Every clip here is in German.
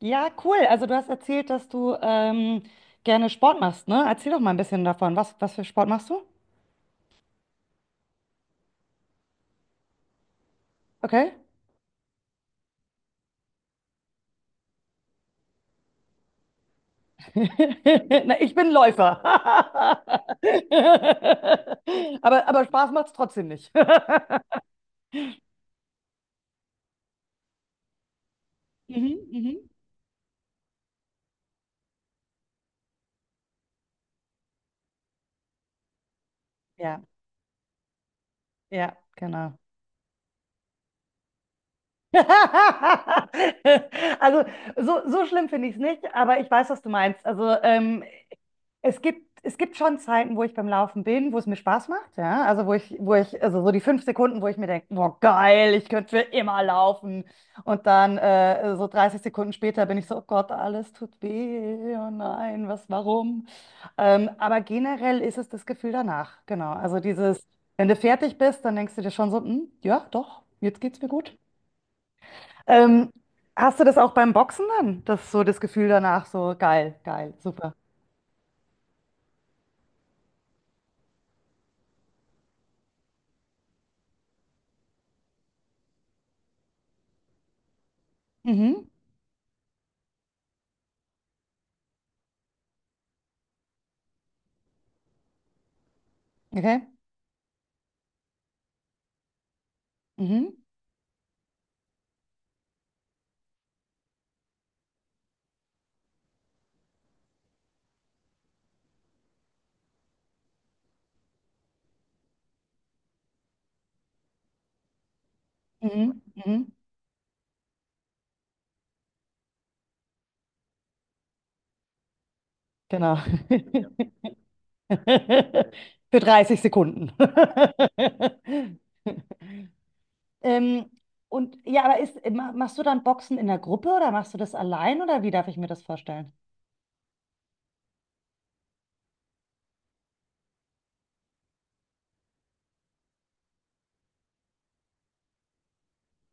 Ja, cool. Also du hast erzählt, dass du gerne Sport machst, ne? Erzähl doch mal ein bisschen davon. Was für Sport machst du? Okay. Na, ich bin Läufer. Aber Spaß macht's trotzdem nicht. Mhm, mhm. Ja, ja, genau. Also so, so schlimm finde ich es nicht, aber ich weiß, was du meinst. Also es gibt schon Zeiten, wo ich beim Laufen bin, wo es mir Spaß macht, ja. Also also so die 5 Sekunden, wo ich mir denke, boah, geil, ich könnte für immer laufen. Und dann so 30 Sekunden später bin ich so, oh Gott, alles tut weh, oh nein, was, warum? Aber generell ist es das Gefühl danach, genau. Also dieses, wenn du fertig bist, dann denkst du dir schon so, hm, ja, doch, jetzt geht's mir gut. Ähm, Hast du das auch beim Boxen dann? Das so das Gefühl danach, so geil, geil, super. Mhm. Okay. Mhm. Mhm, mhm, genau. Für 30 Sekunden. Ähm, und ja, aber machst du dann Boxen in der Gruppe oder machst du das allein oder wie darf ich mir das vorstellen?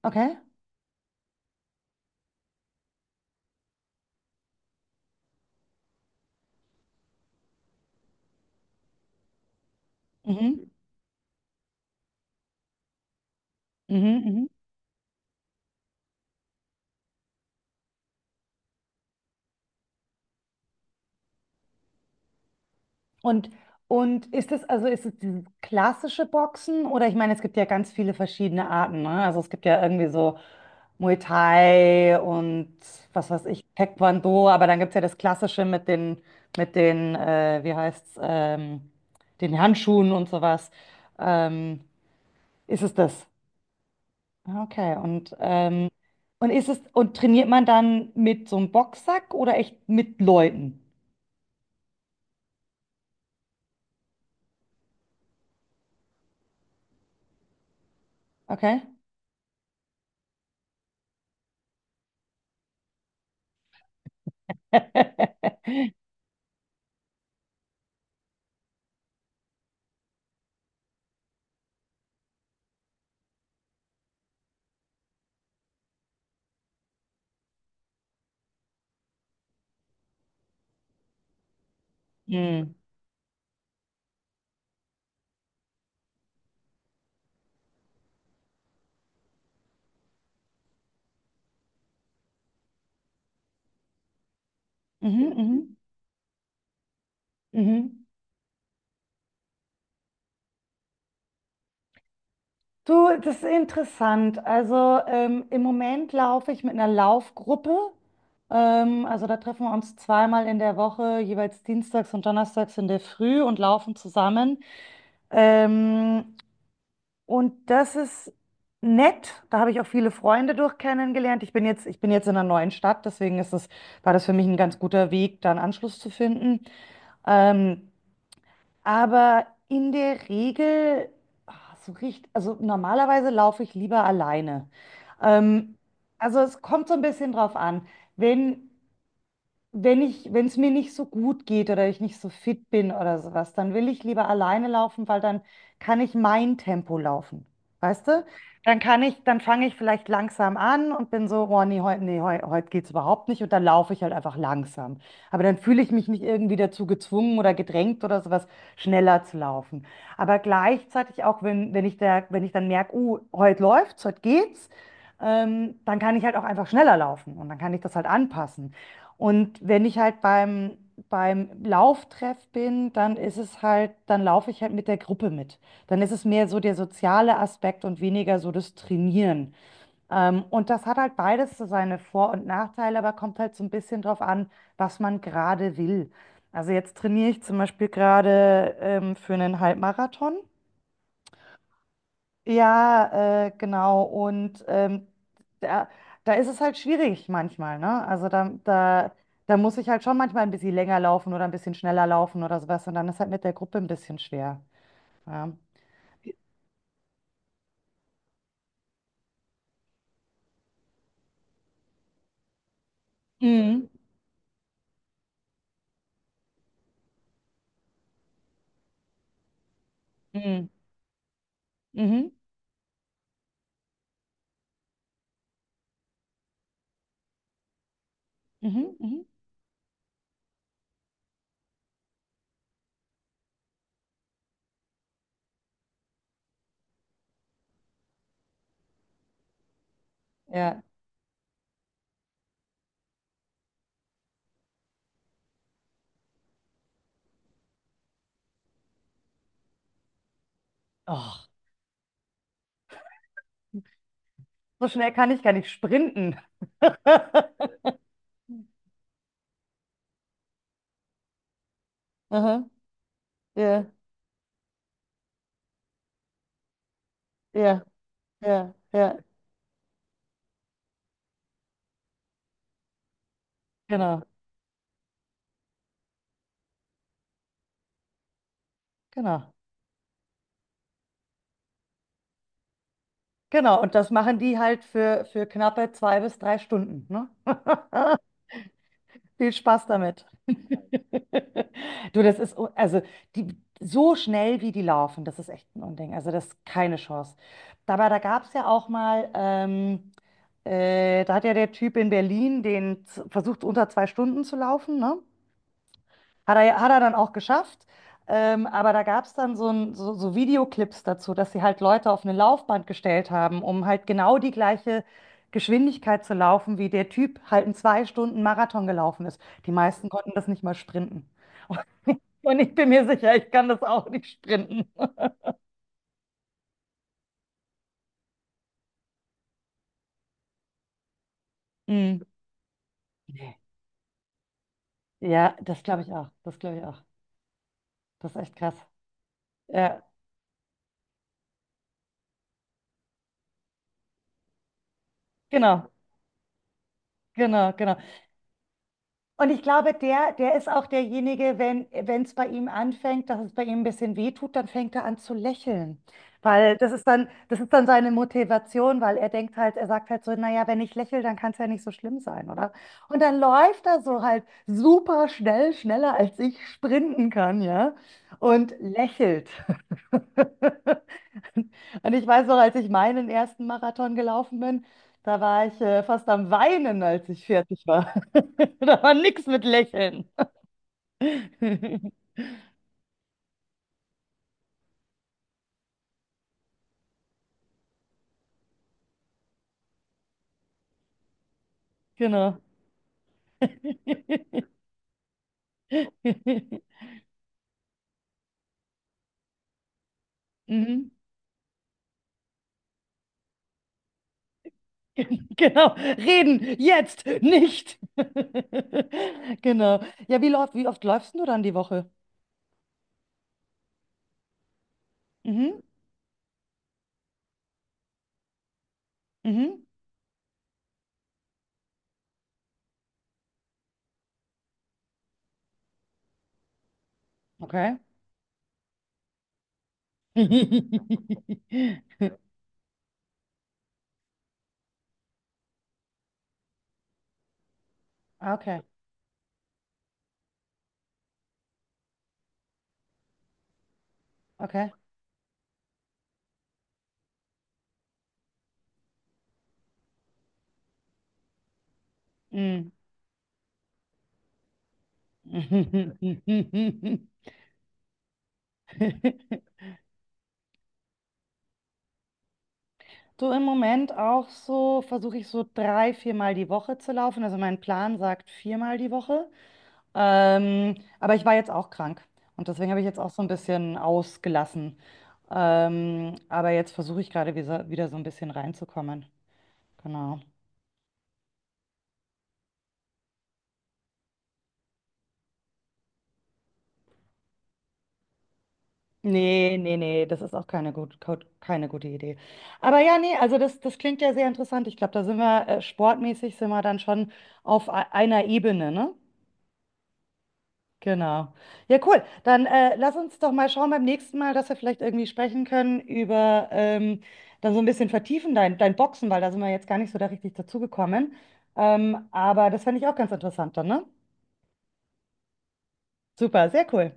Okay. Mhm. Mhm, mhm. Und, und ist es dieses klassische Boxen oder ich meine, es gibt ja ganz viele verschiedene Arten, ne? Also es gibt ja irgendwie so Muay Thai und was weiß ich, Taekwondo, aber dann gibt es ja das klassische mit den, wie heißt's, den Handschuhen und sowas. Ähm, Ist es das? Ah, okay. Und trainiert man dann mit so einem Boxsack oder echt mit Leuten? Okay. Hm. Mhm, mhm, mhm. Du, das ist interessant. Also im Moment laufe ich mit einer Laufgruppe. Also da treffen wir uns zweimal in der Woche, jeweils dienstags und donnerstags in der Früh und laufen zusammen. Ähm, und das ist nett. Da habe ich auch viele Freunde durch kennengelernt. Ich bin jetzt in einer neuen Stadt, deswegen war das für mich ein ganz guter Weg, da einen Anschluss zu finden. Ähm, Aber in der Regel, ah, so richtig, also normalerweise laufe ich lieber alleine. Ähm, also es kommt so ein bisschen drauf an. Wenn wenn es mir nicht so gut geht oder ich nicht so fit bin oder sowas, dann will ich lieber alleine laufen, weil dann kann ich mein Tempo laufen. Weißt du? Dann fange ich vielleicht langsam an und bin so, oh nee, heute nee, heute geht's überhaupt nicht und dann laufe ich halt einfach langsam. Aber dann fühle ich mich nicht irgendwie dazu gezwungen oder gedrängt oder sowas, schneller zu laufen. Aber gleichzeitig auch, wenn ich dann merke, oh, heute läuft's, heute geht's, dann kann ich halt auch einfach schneller laufen und dann kann ich das halt anpassen. Und wenn ich halt beim Lauftreff bin, dann ist es halt, dann laufe ich halt mit der Gruppe mit. Dann ist es mehr so der soziale Aspekt und weniger so das Trainieren. Und das hat halt beides so seine Vor- und Nachteile, aber kommt halt so ein bisschen drauf an, was man gerade will. Also jetzt trainiere ich zum Beispiel gerade für einen Halbmarathon. Ja, genau. Und da, da ist es halt schwierig manchmal, ne? Also da muss ich halt schon manchmal ein bisschen länger laufen oder ein bisschen schneller laufen oder sowas. Und dann ist halt mit der Gruppe ein bisschen schwer. Ja. Mhm. Mhm. Mhm. Mhm. Mhm. Ja. Och, so schnell kann ich gar nicht sprinten. Aha. Ja, ja, ja, ja. Genau, genau. Genau. Und das machen die halt für knappe 2 bis 3 Stunden, ne? Viel Spaß damit. Du, das ist, also die, so schnell wie die laufen, das ist echt ein Unding. Also das ist keine Chance. Dabei, da gab es ja auch mal, da hat ja der Typ in Berlin versucht, unter 2 Stunden zu laufen, ne? Hat er dann auch geschafft. Aber da gab es dann so Videoclips dazu, dass sie halt Leute auf eine Laufband gestellt haben, um halt genau die gleiche Geschwindigkeit zu laufen, wie der Typ halt in 2 Stunden Marathon gelaufen ist. Die meisten konnten das nicht mal sprinten. Und ich bin mir sicher, ich kann das auch nicht sprinten. Hm. Nee. Ja, das glaube ich auch. Das glaube ich auch. Das ist echt krass. Ja, genau, genau, genau. Und ich glaube, der ist auch derjenige, wenn es bei ihm anfängt, dass es bei ihm ein bisschen weh tut, dann fängt er an zu lächeln. Weil das ist dann seine Motivation, weil er denkt halt, er sagt halt so, naja, wenn ich lächle, dann kann es ja nicht so schlimm sein, oder? Und dann läuft er so halt super schnell, schneller als ich sprinten kann, ja? Und lächelt. Und ich weiß noch, als ich meinen ersten Marathon gelaufen bin, da war ich fast am Weinen, als ich fertig war. Da war nix mit Lächeln. Genau. Mhm. Genau. Reden, jetzt, nicht. Genau. Ja, wie oft läufst du dann die Woche? Mhm. Mhm. Okay. Okay, okay. Mm. Du im Moment auch so, versuche ich so drei, viermal die Woche zu laufen. Also mein Plan sagt viermal die Woche. Aber ich war jetzt auch krank und deswegen habe ich jetzt auch so ein bisschen ausgelassen. Aber jetzt versuche ich gerade wieder so ein bisschen reinzukommen. Genau. Nee, nee, nee, das ist auch keine gute Idee. Aber ja, nee, also das klingt ja sehr interessant. Ich glaube, da sind wir sportmäßig sind wir dann schon auf einer Ebene, ne? Genau. Ja, cool. Dann lass uns doch mal schauen beim nächsten Mal, dass wir vielleicht irgendwie sprechen können über dann so ein bisschen vertiefen dein Boxen, weil da sind wir jetzt gar nicht so da richtig dazugekommen. Aber das fände ich auch ganz interessant dann, ne? Super, sehr cool.